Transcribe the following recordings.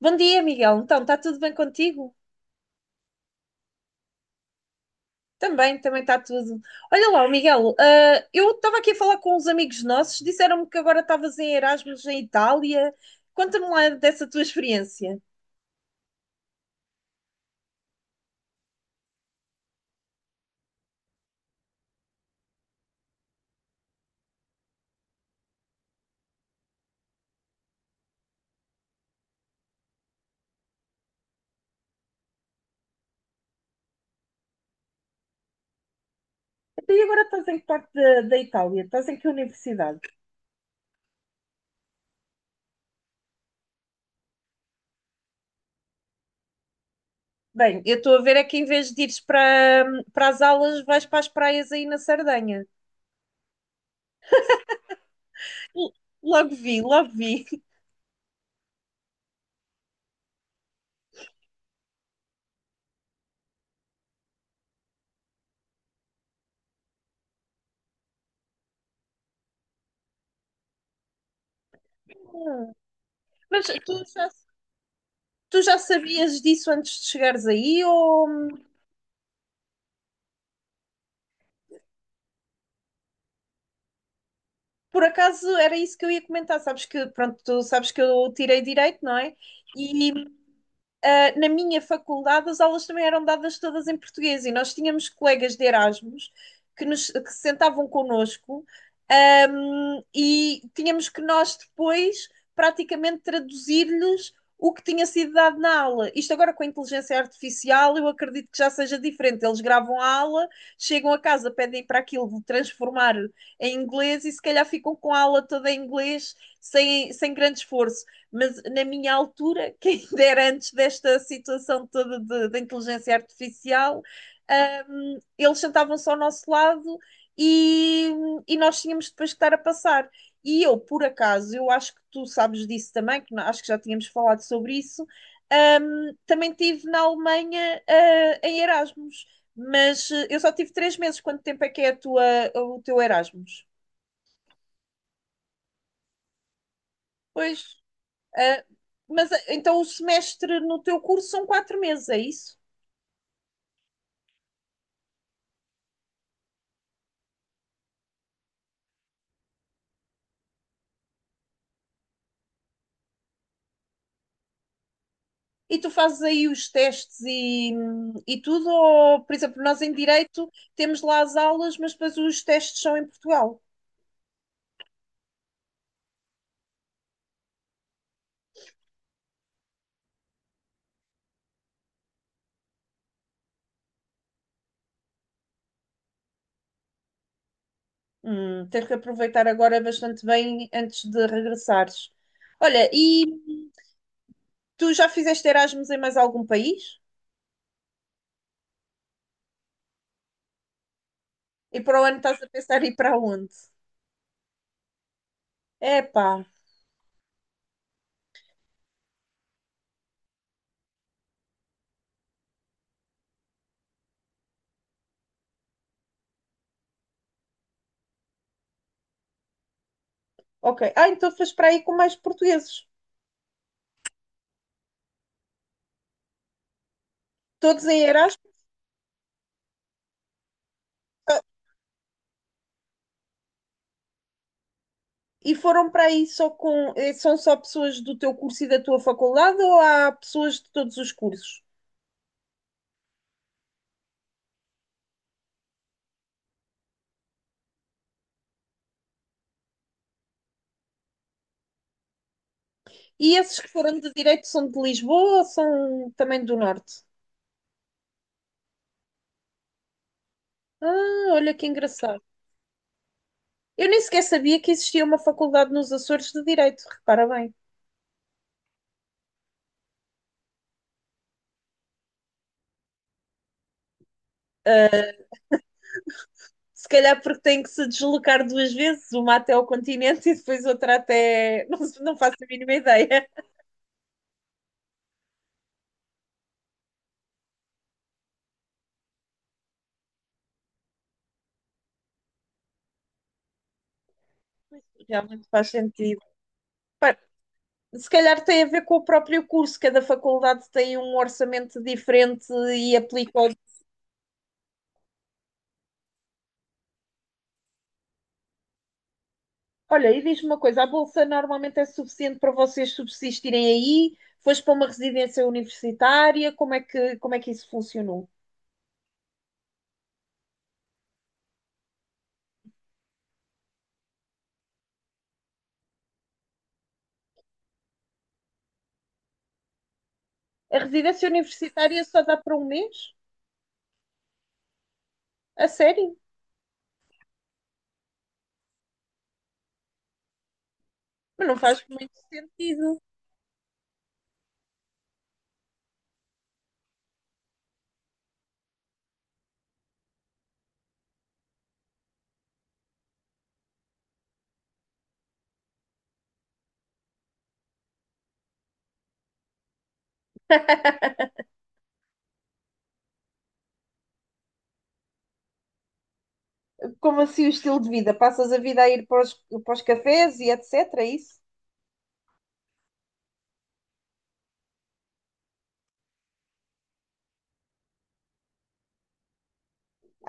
Bom dia, Miguel. Então, está tudo bem contigo? Também está tudo. Olha lá, o Miguel, eu estava aqui a falar com uns amigos nossos, disseram-me que agora estavas em Erasmus em Itália. Conta-me lá dessa tua experiência. Então, e agora estás em que parte da Itália? Estás em que universidade? Bem, eu estou a ver é que em vez de ires para as aulas, vais para as praias aí na Sardenha. L- Logo vi, logo vi. Mas tu já sabias disso antes de chegares aí ou. Por acaso era isso que eu ia comentar, sabes que, pronto, tu sabes que eu tirei direito, não é? E. Na minha faculdade as aulas também eram dadas todas em português e nós tínhamos colegas de Erasmus que se sentavam connosco, e tínhamos que nós depois praticamente traduzir-lhes o que tinha sido dado na aula. Isto agora com a inteligência artificial, eu acredito que já seja diferente. Eles gravam a aula, chegam a casa, pedem para aquilo de transformar em inglês e se calhar ficam com a aula toda em inglês sem grande esforço, mas na minha altura, que ainda era antes desta situação toda da inteligência artificial, eles sentavam-se ao nosso lado e, e nós tínhamos depois que estar a passar. E eu, por acaso, eu acho que tu sabes disso também, que acho que já tínhamos falado sobre isso. Também tive na Alemanha, em Erasmus, mas eu só tive 3 meses. Quanto tempo é que é o teu Erasmus? Pois. Ah, mas então o semestre no teu curso são 4 meses, é isso? E tu fazes aí os testes e tudo? Ou, por exemplo, nós em Direito temos lá as aulas, mas depois os testes são em Portugal. Tens que aproveitar agora bastante bem antes de regressares. Olha, e tu já fizeste Erasmus em mais algum país? E para o ano estás a pensar em ir para onde? Epá, ok. Então fez para aí com mais portugueses. Todos em Erasmus? E foram para aí só com. São só pessoas do teu curso e da tua faculdade ou há pessoas de todos os cursos? E esses que foram de direito são de Lisboa ou são também do Norte? Ah, olha que engraçado. Eu nem sequer sabia que existia uma faculdade nos Açores de Direito, repara bem. Se calhar porque tem que se deslocar duas vezes, uma até ao continente e depois outra até. Não, não faço a mínima ideia. Realmente faz sentido. Pá, se calhar tem a ver com o próprio curso, cada faculdade tem um orçamento diferente e aplica. Olha, e diz-me uma coisa: a bolsa normalmente é suficiente para vocês subsistirem aí? Foste para uma residência universitária? Como é que isso funcionou? A residência universitária só dá para um mês? A sério? Mas não faz muito sentido. Como assim o estilo de vida? Passas a vida a ir para os cafés e etc. É isso?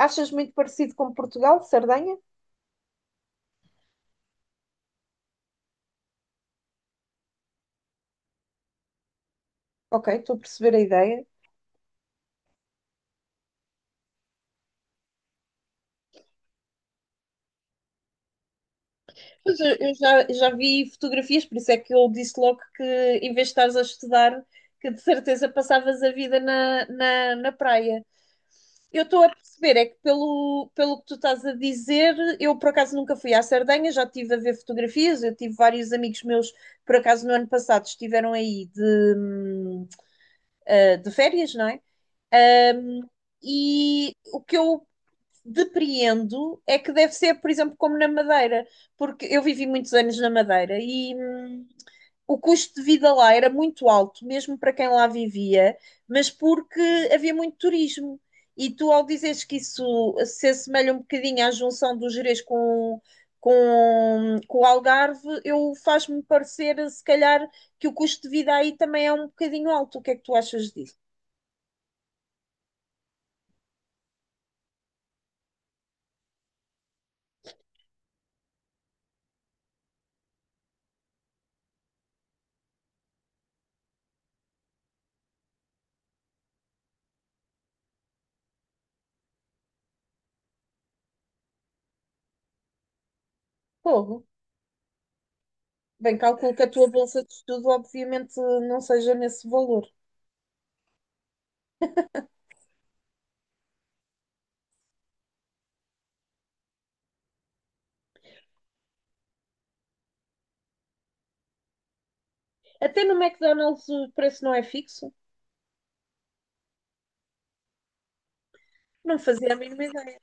Achas muito parecido com Portugal, Sardenha? Ok, estou a perceber a ideia. Pois eu já vi fotografias, por isso é que eu disse logo que em vez de estares a estudar, que de certeza passavas a vida na praia. Eu estou a perceber, é que pelo que tu estás a dizer, eu por acaso nunca fui à Sardenha, já estive a ver fotografias, eu tive vários amigos meus, por acaso no ano passado, estiveram aí hum, de férias, não é? E o que eu depreendo é que deve ser, por exemplo, como na Madeira, porque eu vivi muitos anos na Madeira. O custo de vida lá era muito alto, mesmo para quem lá vivia, mas porque havia muito turismo. E tu, ao dizeres que isso se assemelha um bocadinho à junção do Gerês com, com o Algarve, eu faz-me parecer, se calhar, que o custo de vida aí também é um bocadinho alto. O que é que tu achas disso? Fogo. Bem, calculo que a tua bolsa de estudo, obviamente, não seja nesse valor. Até no McDonald's o preço não é fixo. Não fazia a mínima ideia.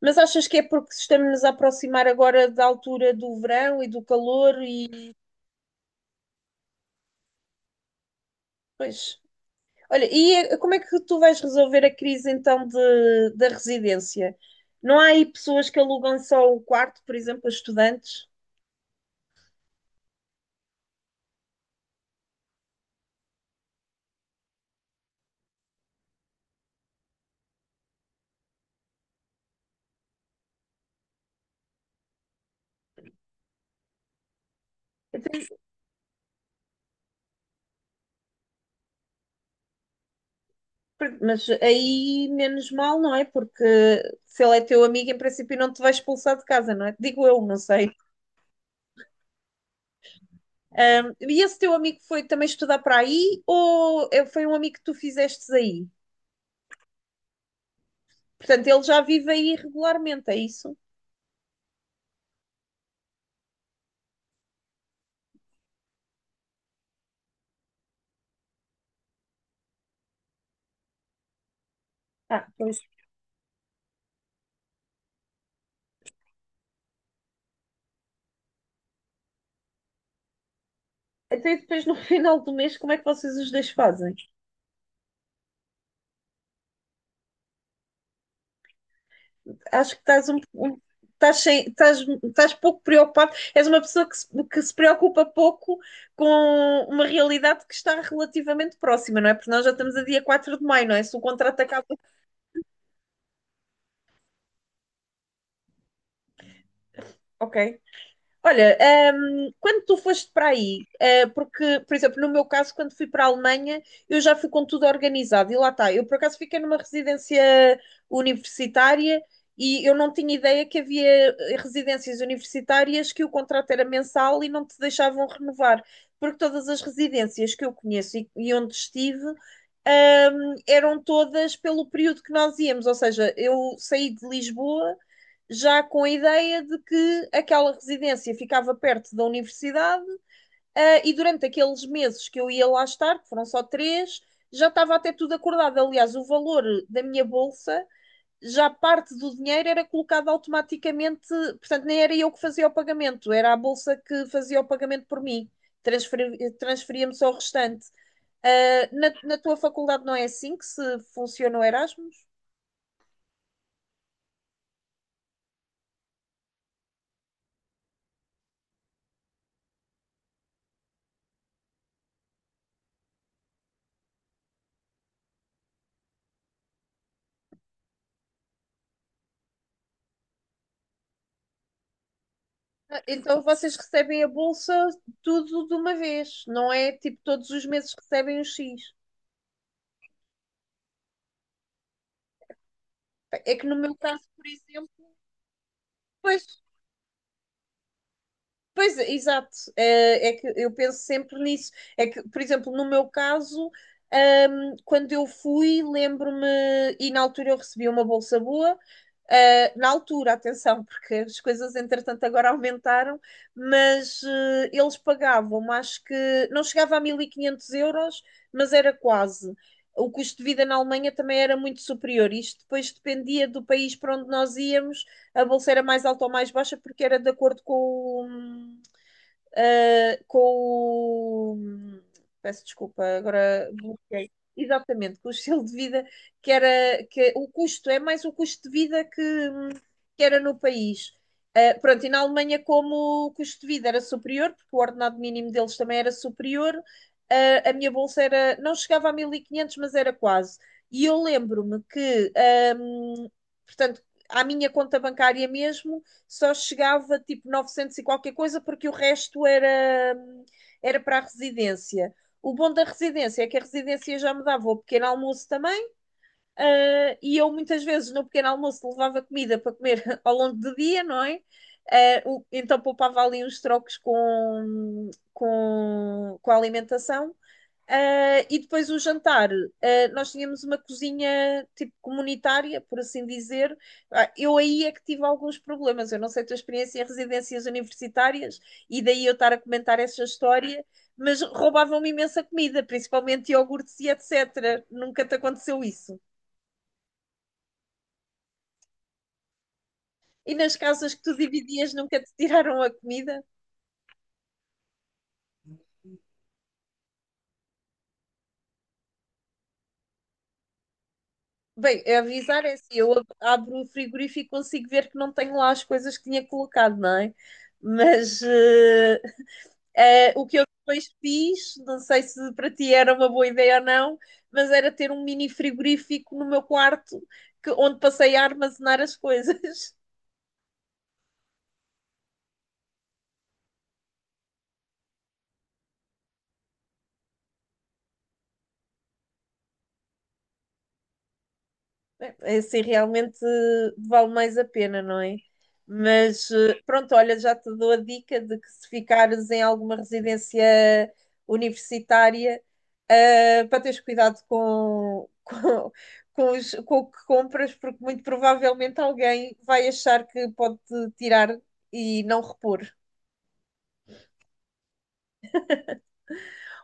Mas achas que é porque estamos-nos a aproximar agora da altura do verão e do calor e. Pois. Olha, e como é que tu vais resolver a crise então da residência? Não há aí pessoas que alugam só o quarto, por exemplo, a estudantes? Mas aí menos mal, não é? Porque se ele é teu amigo, em princípio não te vai expulsar de casa, não é? Digo eu, não sei. E esse teu amigo foi também estudar para aí ou foi um amigo que tu fizestes aí? Portanto, ele já vive aí regularmente, é isso? Ah, pois. Até depois no final do mês, como é que vocês os dois fazem? Acho que estás um, um- estás, sem- estás- estás pouco preocupado. És uma pessoa que se preocupa pouco com uma realidade que está relativamente próxima, não é? Porque nós já estamos a dia 4 de maio, não é? Se o contrato acaba. Ok. Olha, quando tu foste para aí, porque, por exemplo, no meu caso, quando fui para a Alemanha, eu já fui com tudo organizado e lá está. Eu, por acaso, fiquei numa residência universitária e eu não tinha ideia que havia residências universitárias que o contrato era mensal e não te deixavam renovar, porque todas as residências que eu conheço e onde estive, eram todas pelo período que nós íamos, ou seja, eu saí de Lisboa já com a ideia de que aquela residência ficava perto da universidade, e durante aqueles meses que eu ia lá estar, que foram só três, já estava até tudo acordado. Aliás, o valor da minha bolsa, já parte do dinheiro era colocado automaticamente, portanto, nem era eu que fazia o pagamento, era a bolsa que fazia o pagamento por mim. Transferi- transferia só o restante. Na tua faculdade não é assim que se funciona o Erasmus? Então vocês recebem a bolsa tudo de uma vez, não é tipo todos os meses recebem um X. É que no meu caso, por exemplo, pois, pois, exato, é que eu penso sempre nisso. É que, por exemplo, no meu caso, quando eu fui, lembro-me, e na altura eu recebi uma bolsa boa. Na altura, atenção, porque as coisas entretanto agora aumentaram, mas eles pagavam, acho que não chegava a 1500 euros, mas era quase. O custo de vida na Alemanha também era muito superior. Isto depois dependia do país para onde nós íamos, a bolsa era mais alta ou mais baixa, porque era de acordo com o, com o. Peço desculpa, agora bloqueei. Exatamente, com o estilo de vida que era. Que, o custo, é mais o custo de vida que era no país. Pronto, e na Alemanha, como o custo de vida era superior, porque o ordenado mínimo deles também era superior, a minha bolsa era, não chegava a 1500 mas era quase. E eu lembro-me que, um, portanto, à minha conta bancária mesmo, só chegava tipo 900 e qualquer coisa, porque o resto era para a residência. O bom da residência é que a residência já me dava o pequeno almoço também, e eu muitas vezes no pequeno almoço levava comida para comer ao longo do dia, não é? Ah, então poupava ali uns trocos com a alimentação, e depois o jantar, nós tínhamos uma cozinha tipo comunitária, por assim dizer. Eu aí é que tive alguns problemas. Eu não sei a tua experiência em residências universitárias e daí eu estar a comentar essa história, mas roubavam-me imensa comida, principalmente iogurtes e etc. Nunca te aconteceu isso? E nas casas que tu dividias, nunca te tiraram a comida? Bem, é avisar é assim, eu abro o frigorífico e consigo ver que não tenho lá as coisas que tinha colocado, não é? Mas o que eu depois fiz, não sei se para ti era uma boa ideia ou não, mas era ter um mini frigorífico no meu quarto, que, onde passei a armazenar as coisas. É, assim realmente vale mais a pena, não é? Mas pronto, olha, já te dou a dica de que se ficares em alguma residência universitária, para teres cuidado com, com o que compras, porque muito provavelmente alguém vai achar que pode tirar e não repor.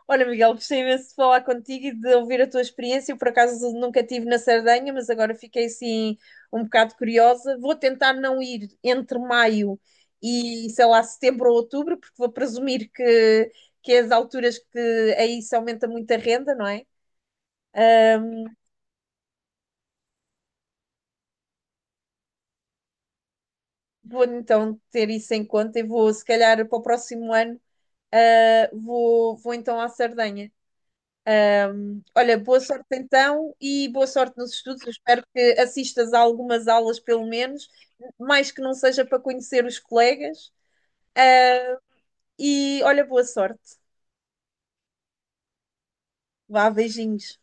Olha, Miguel, gostei imenso de falar contigo e de ouvir a tua experiência. Eu, por acaso, nunca estive na Sardenha, mas agora fiquei assim um bocado curiosa. Vou tentar não ir entre maio e, sei lá, setembro ou outubro, porque vou presumir que é as alturas que aí se aumenta muito a renda, não é? Vou então ter isso em conta e vou, se calhar, para o próximo ano, vou então à Sardenha. Olha, boa sorte então e boa sorte nos estudos. Eu espero que assistas a algumas aulas, pelo menos, mais que não seja para conhecer os colegas. Ah, e olha, boa sorte. Vá, beijinhos.